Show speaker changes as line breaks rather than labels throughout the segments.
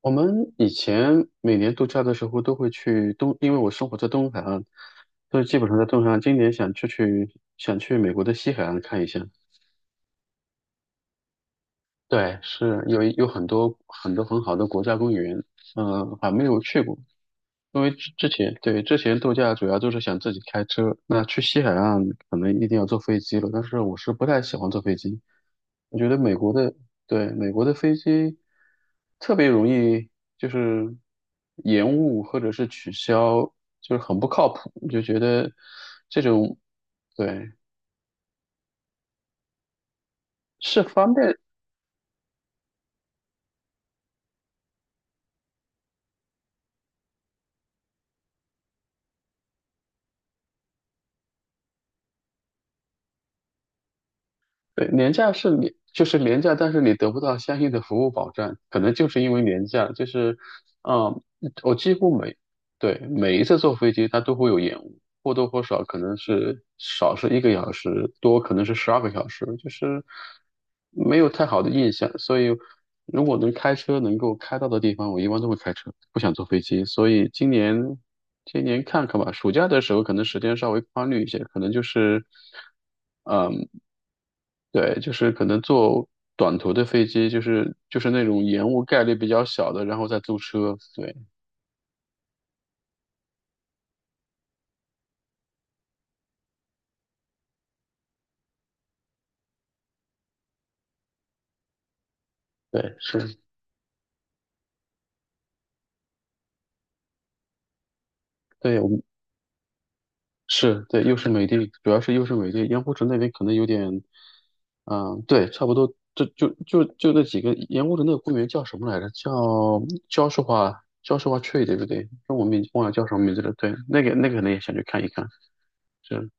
我们以前每年度假的时候都会去东，因为我生活在东海岸，所以基本上在东海岸。今年想出去，想去美国的西海岸看一下。对，是有很多很多很好的国家公园，嗯、还没有去过。因为之前度假主要就是想自己开车，那去西海岸可能一定要坐飞机了，但是我是不太喜欢坐飞机。我觉得美国的飞机特别容易就是延误或者是取消，就是很不靠谱，就觉得这种。对，是方便。对，廉价是你就是廉价，但是你得不到相应的服务保障，可能就是因为廉价，就是，嗯，我几乎每，对，每一次坐飞机它都会有延误，或多或少可能是少是1个小时，多可能是12个小时，就是没有太好的印象。所以如果能开车能够开到的地方，我一般都会开车，不想坐飞机。所以今年看看吧，暑假的时候可能时间稍微宽裕一些，可能就是。嗯。对，就是可能坐短途的飞机，就是那种延误概率比较小的，然后再租车。对对是。对我们是。对，又是美的，主要是又是美的，盐湖城那边可能有点，嗯，对，差不多，就那几个盐湖城那个公园叫什么来着？叫焦树华 Tree 对不对？那我名忘了叫什么名字了。对，那个那个可能也想去看一看，是。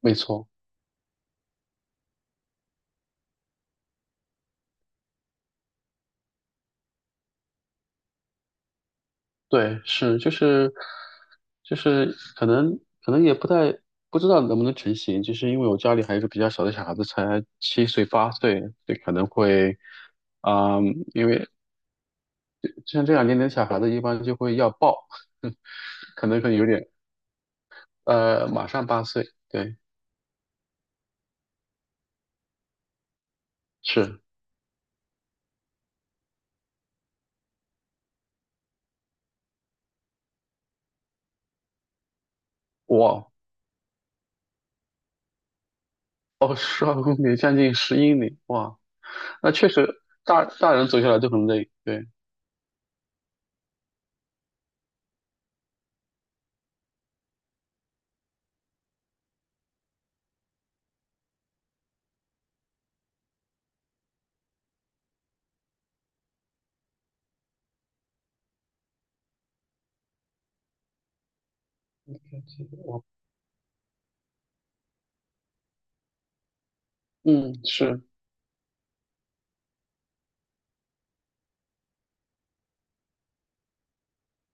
没错。对，是就是可能也不太不知道能不能成型，就是因为我家里还有一个比较小的小孩子，才7岁八岁，所以可能会啊、因为像这样年龄的小孩子一般就会要抱。可能会有点马上八岁，对，是。哇。哦，12公里将近10英里，哇，那确实大人走下来都很累，对，嗯，是。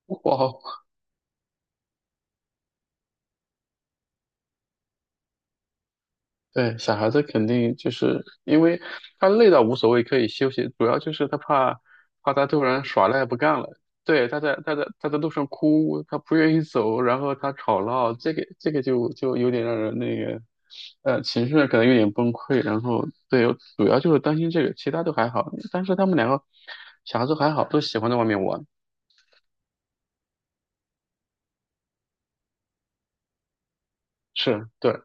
哇，对，小孩子肯定就是因为他累到无所谓，可以休息，主要就是他怕他突然耍赖不干了。对，他在路上哭，他不愿意走，然后他吵闹，这个就有点让人那个，呃，情绪上可能有点崩溃。然后对，主要就是担心这个，其他都还好。但是他们两个小孩子还好，都喜欢在外面玩。是，对。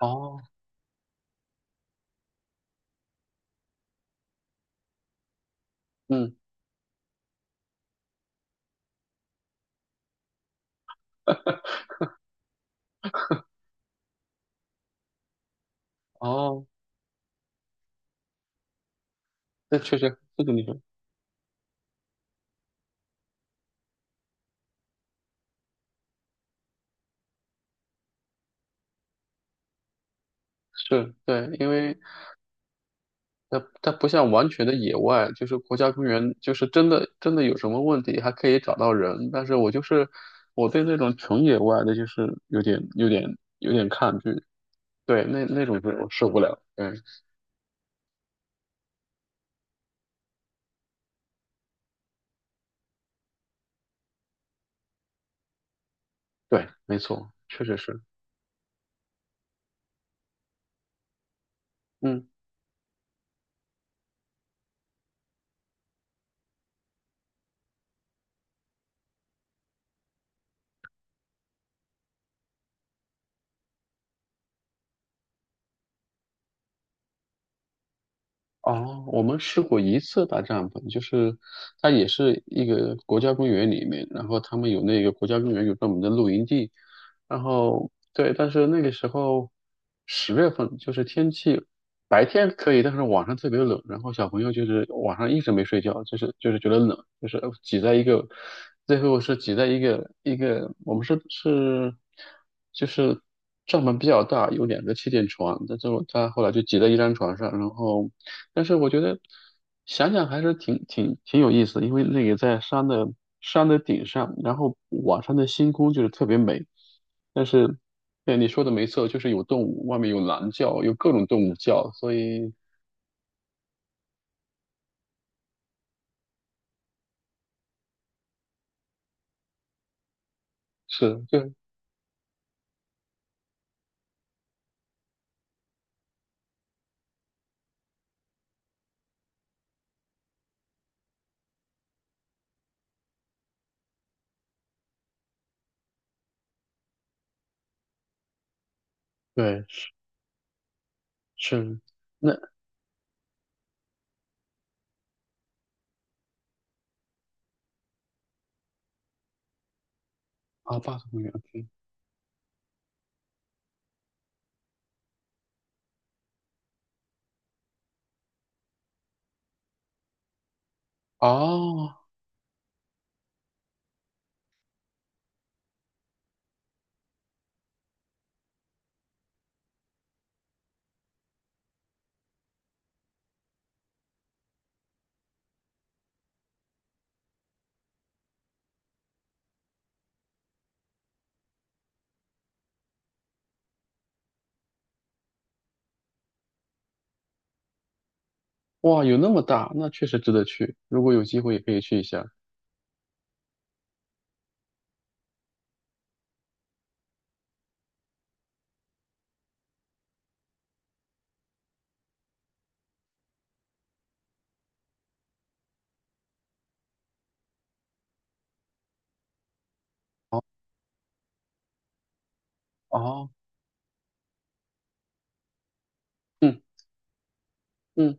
哦。嗯。哦，那确实，这个你说是。对，因为。它它不像完全的野外，就是国家公园，就是真的真的有什么问题还可以找到人。但是我就是我对那种纯野外的，就是有点抗拒。对，那种就我受不了。嗯，对，没错，确实是。嗯。哦，我们试过一次搭帐篷，就是它也是一个国家公园里面，然后他们有那个国家公园有专门的露营地。然后对，但是那个时候10月份就是天气白天可以，但是晚上特别冷，然后小朋友就是晚上一直没睡觉，就是觉得冷，就是挤在一个，最后是挤在一个一个，我们是就是帐篷比较大，有两个气垫床，但是我他后来就挤在一张床上，然后但是我觉得想想还是挺有意思的因为那个在山的顶上，然后晚上的星空就是特别美。但是，对你说的没错，就是有动物，外面有狼叫，有各种动物叫，所以是，就对，是是，那啊，巴斯公园，OK,哦，哇，有那么大，那确实值得去，如果有机会也可以去一下。哦，嗯嗯，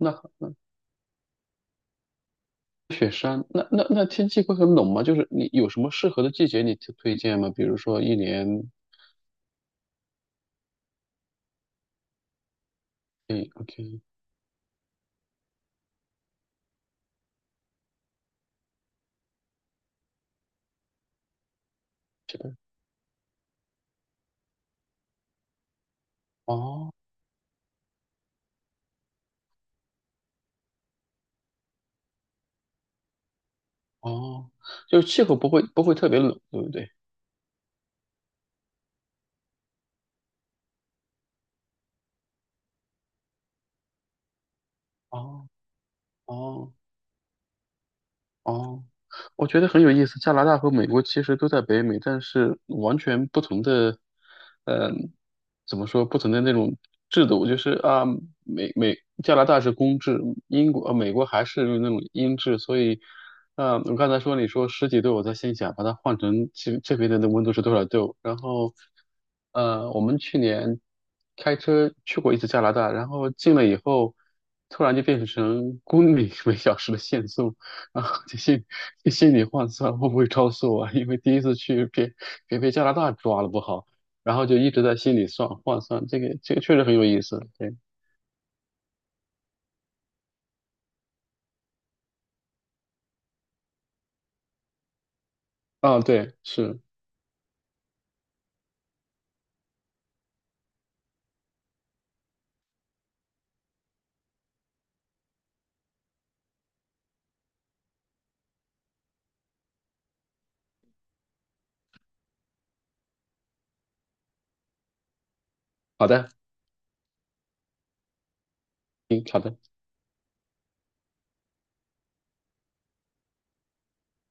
那雪山，那天气会很冷吗？就是你有什么适合的季节你推荐吗？比如说一年，诶，OK,这边，哦哦，就是气候不会特别冷，对不对？哦。哦。哦，我觉得很有意思。加拿大和美国其实都在北美，但是完全不同的，嗯、怎么说，不同的那种制度，就是啊，美美加拿大是公制，美国还是那种英制，所以，啊，我刚才说你说十几度，我在心想把它换成这边的那温度是多少度，然后，呃，我们去年开车去过一次加拿大，然后进了以后，突然就变成公里每小时的限速。啊，这心这心理换算会不会超速啊？因为第一次去别被加拿大抓了不好，然后就一直在心里算换算，这个这个确实很有意思。对，啊，对，是。好的，嗯，好的。